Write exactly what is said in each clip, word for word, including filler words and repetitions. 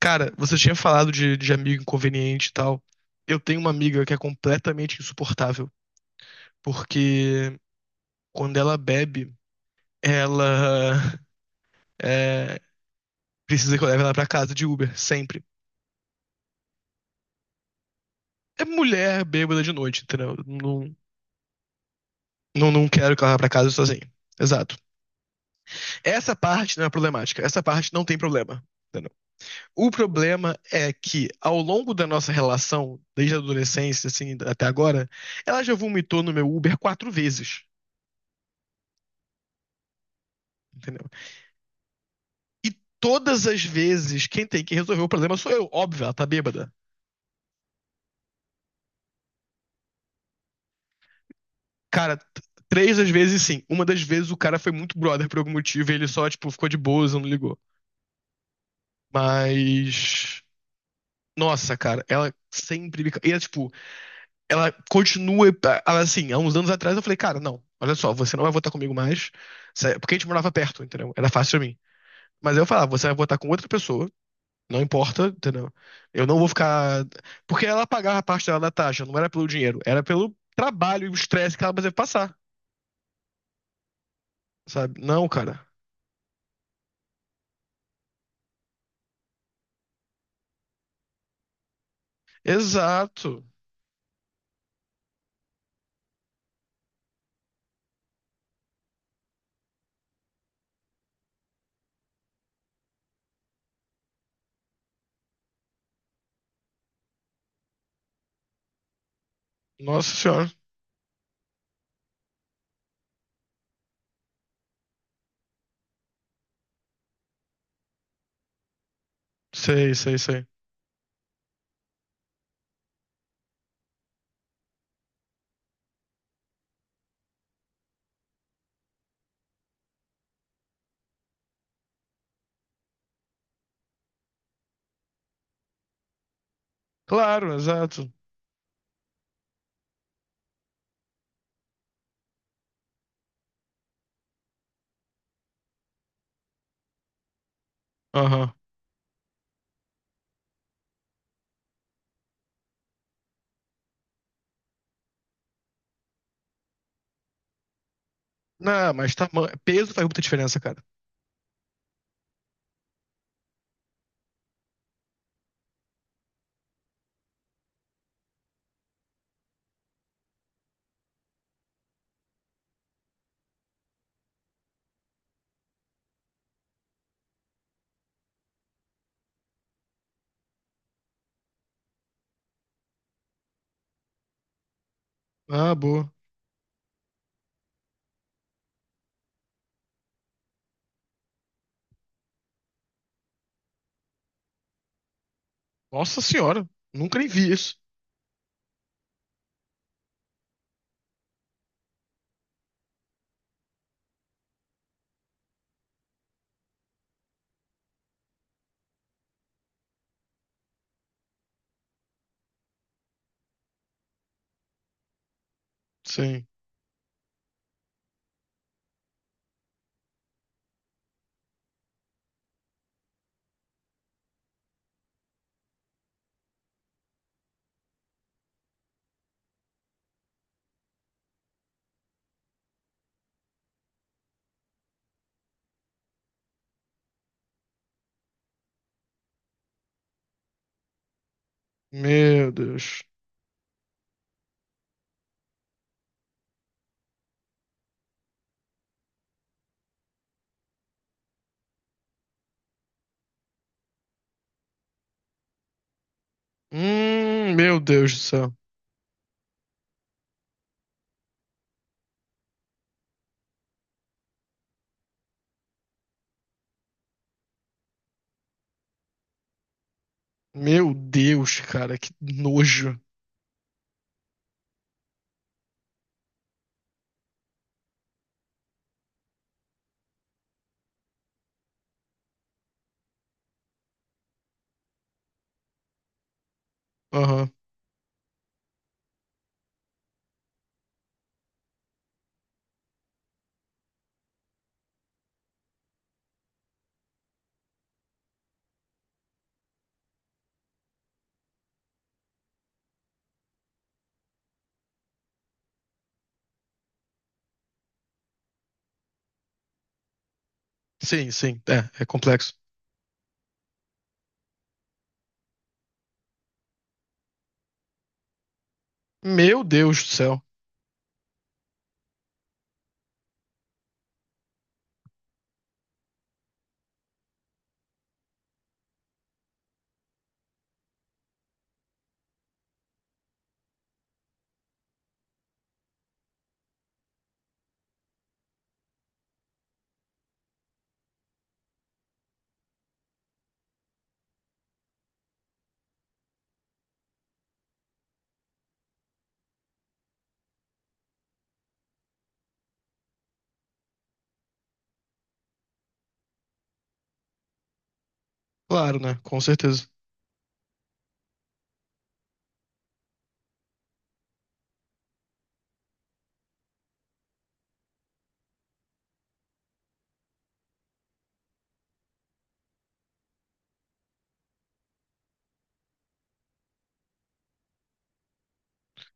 Cara, você tinha falado de, de amigo inconveniente e tal. Eu tenho uma amiga que é completamente insuportável, porque quando ela bebe, ela é, precisa que eu leve ela pra casa de Uber, sempre. É mulher bêbada de noite, entendeu? Não, não, não quero que ela vá pra casa sozinha. Exato. Essa parte não é problemática. Essa parte não tem problema, entendeu? O problema é que, ao longo da nossa relação, desde a adolescência, assim, até agora, ela já vomitou no meu Uber quatro vezes, entendeu? Todas as vezes, quem tem que resolver o problema sou eu. Óbvio, ela tá bêbada. Cara, t- três das vezes sim. Uma das vezes o cara foi muito brother por algum motivo e ele só, tipo, ficou de boas, não ligou. Mas, nossa, cara, ela sempre me. Ca- e ela, tipo, ela continua. Ela, assim, há uns anos atrás eu falei: cara, não, olha só, você não vai votar comigo mais. Sé- Porque a gente morava perto, entendeu? Era fácil pra mim. Mas aí eu falava: você vai votar com outra pessoa. Não importa, entendeu? Eu não vou ficar. Porque ela pagava a parte dela na taxa, não era pelo dinheiro, era pelo trabalho e o estresse que ela deve passar, sabe? Não, cara. Exato. Nossa senhora. Sei, sei, sei. Claro, exato. Aham. Não, mas tamanho. Peso faz muita diferença, cara. Ah, boa. Nossa senhora. Nunca nem vi isso. Sim. Meu Deus. Hum, meu Deus do céu. Meu Deus, cara, que nojo. Aham. Sim, sim. É, é complexo. Meu Deus do céu. Claro, né? Com certeza.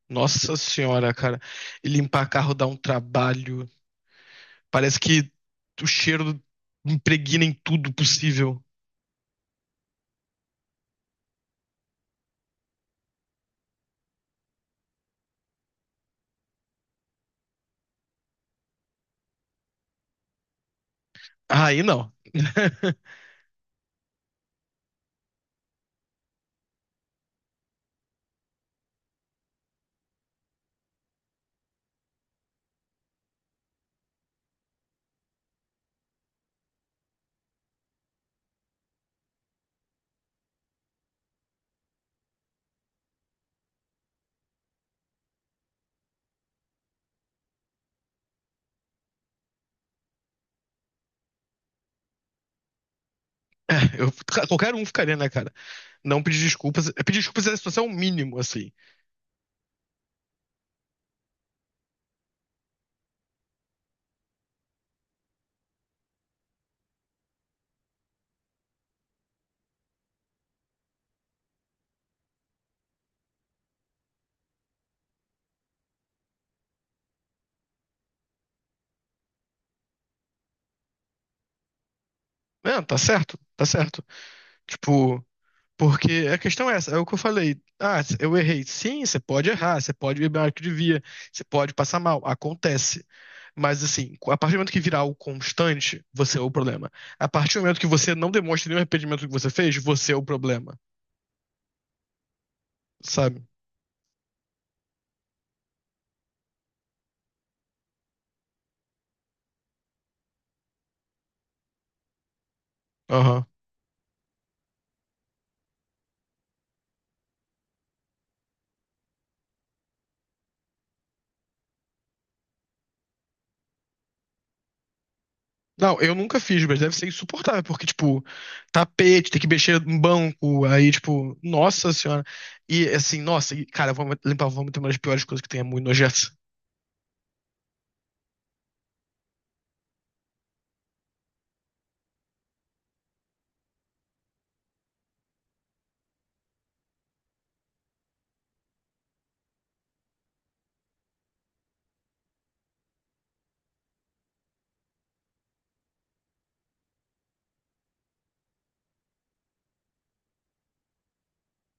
Nossa senhora, cara. E limpar carro dá um trabalho. Parece que o cheiro impregna em tudo possível. Aí não. É, eu- qualquer um ficaria, né, cara? Não pedir desculpas. É, pedir desculpas é a situação mínimo, assim. É, tá certo, tá certo. Tipo. Porque a questão é essa, é o que eu falei. Ah, eu errei. Sim, você pode errar, você pode beber mais do que devia, você pode passar mal, acontece. Mas assim, a partir do momento que virar algo constante, você é o problema. A partir do momento que você não demonstra nenhum arrependimento do que você fez, você é o problema, sabe? Aham. Não, eu nunca fiz, mas deve ser insuportável, porque, tipo, tapete, tem que mexer em banco, aí, tipo, nossa senhora. E, assim, nossa, e, cara, vamos limpar, vamos ter uma das piores coisas que tem, é muito nojento.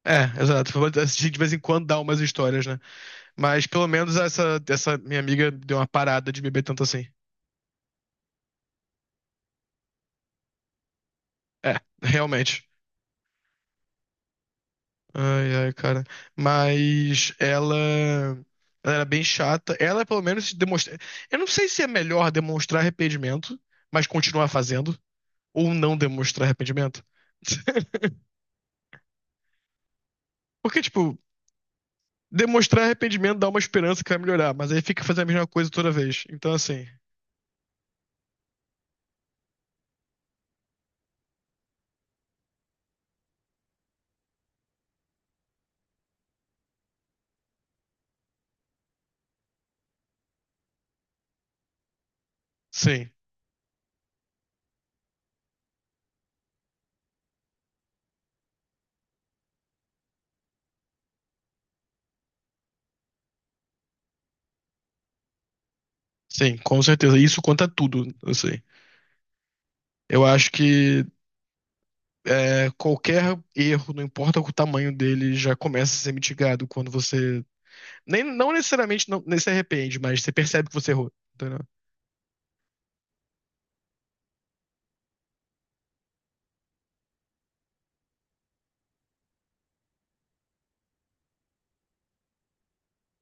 É, exato. Vou assistir de vez em quando dá umas histórias, né? Mas pelo menos essa, essa minha amiga deu uma parada de beber tanto assim. É, realmente. Ai, ai, cara. Mas ela. Ela era bem chata. Ela, pelo menos, se demonstra. Eu não sei se é melhor demonstrar arrependimento, mas continuar fazendo, ou não demonstrar arrependimento. Porque, tipo, demonstrar arrependimento dá uma esperança que vai melhorar, mas aí fica fazendo a mesma coisa toda vez. Então, assim, sim, sim, com certeza. Isso conta tudo, assim. Eu acho que é, qualquer erro, não importa o tamanho dele, já começa a ser mitigado quando você. Nem, não necessariamente não, nem se arrepende, mas você percebe que você errou. Entendeu?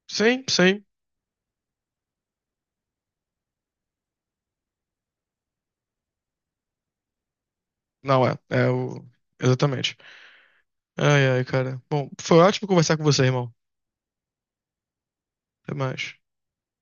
Sim, sim. Não é. É o. Exatamente. Ai, ai, cara. Bom, foi ótimo conversar com você, irmão. Até mais.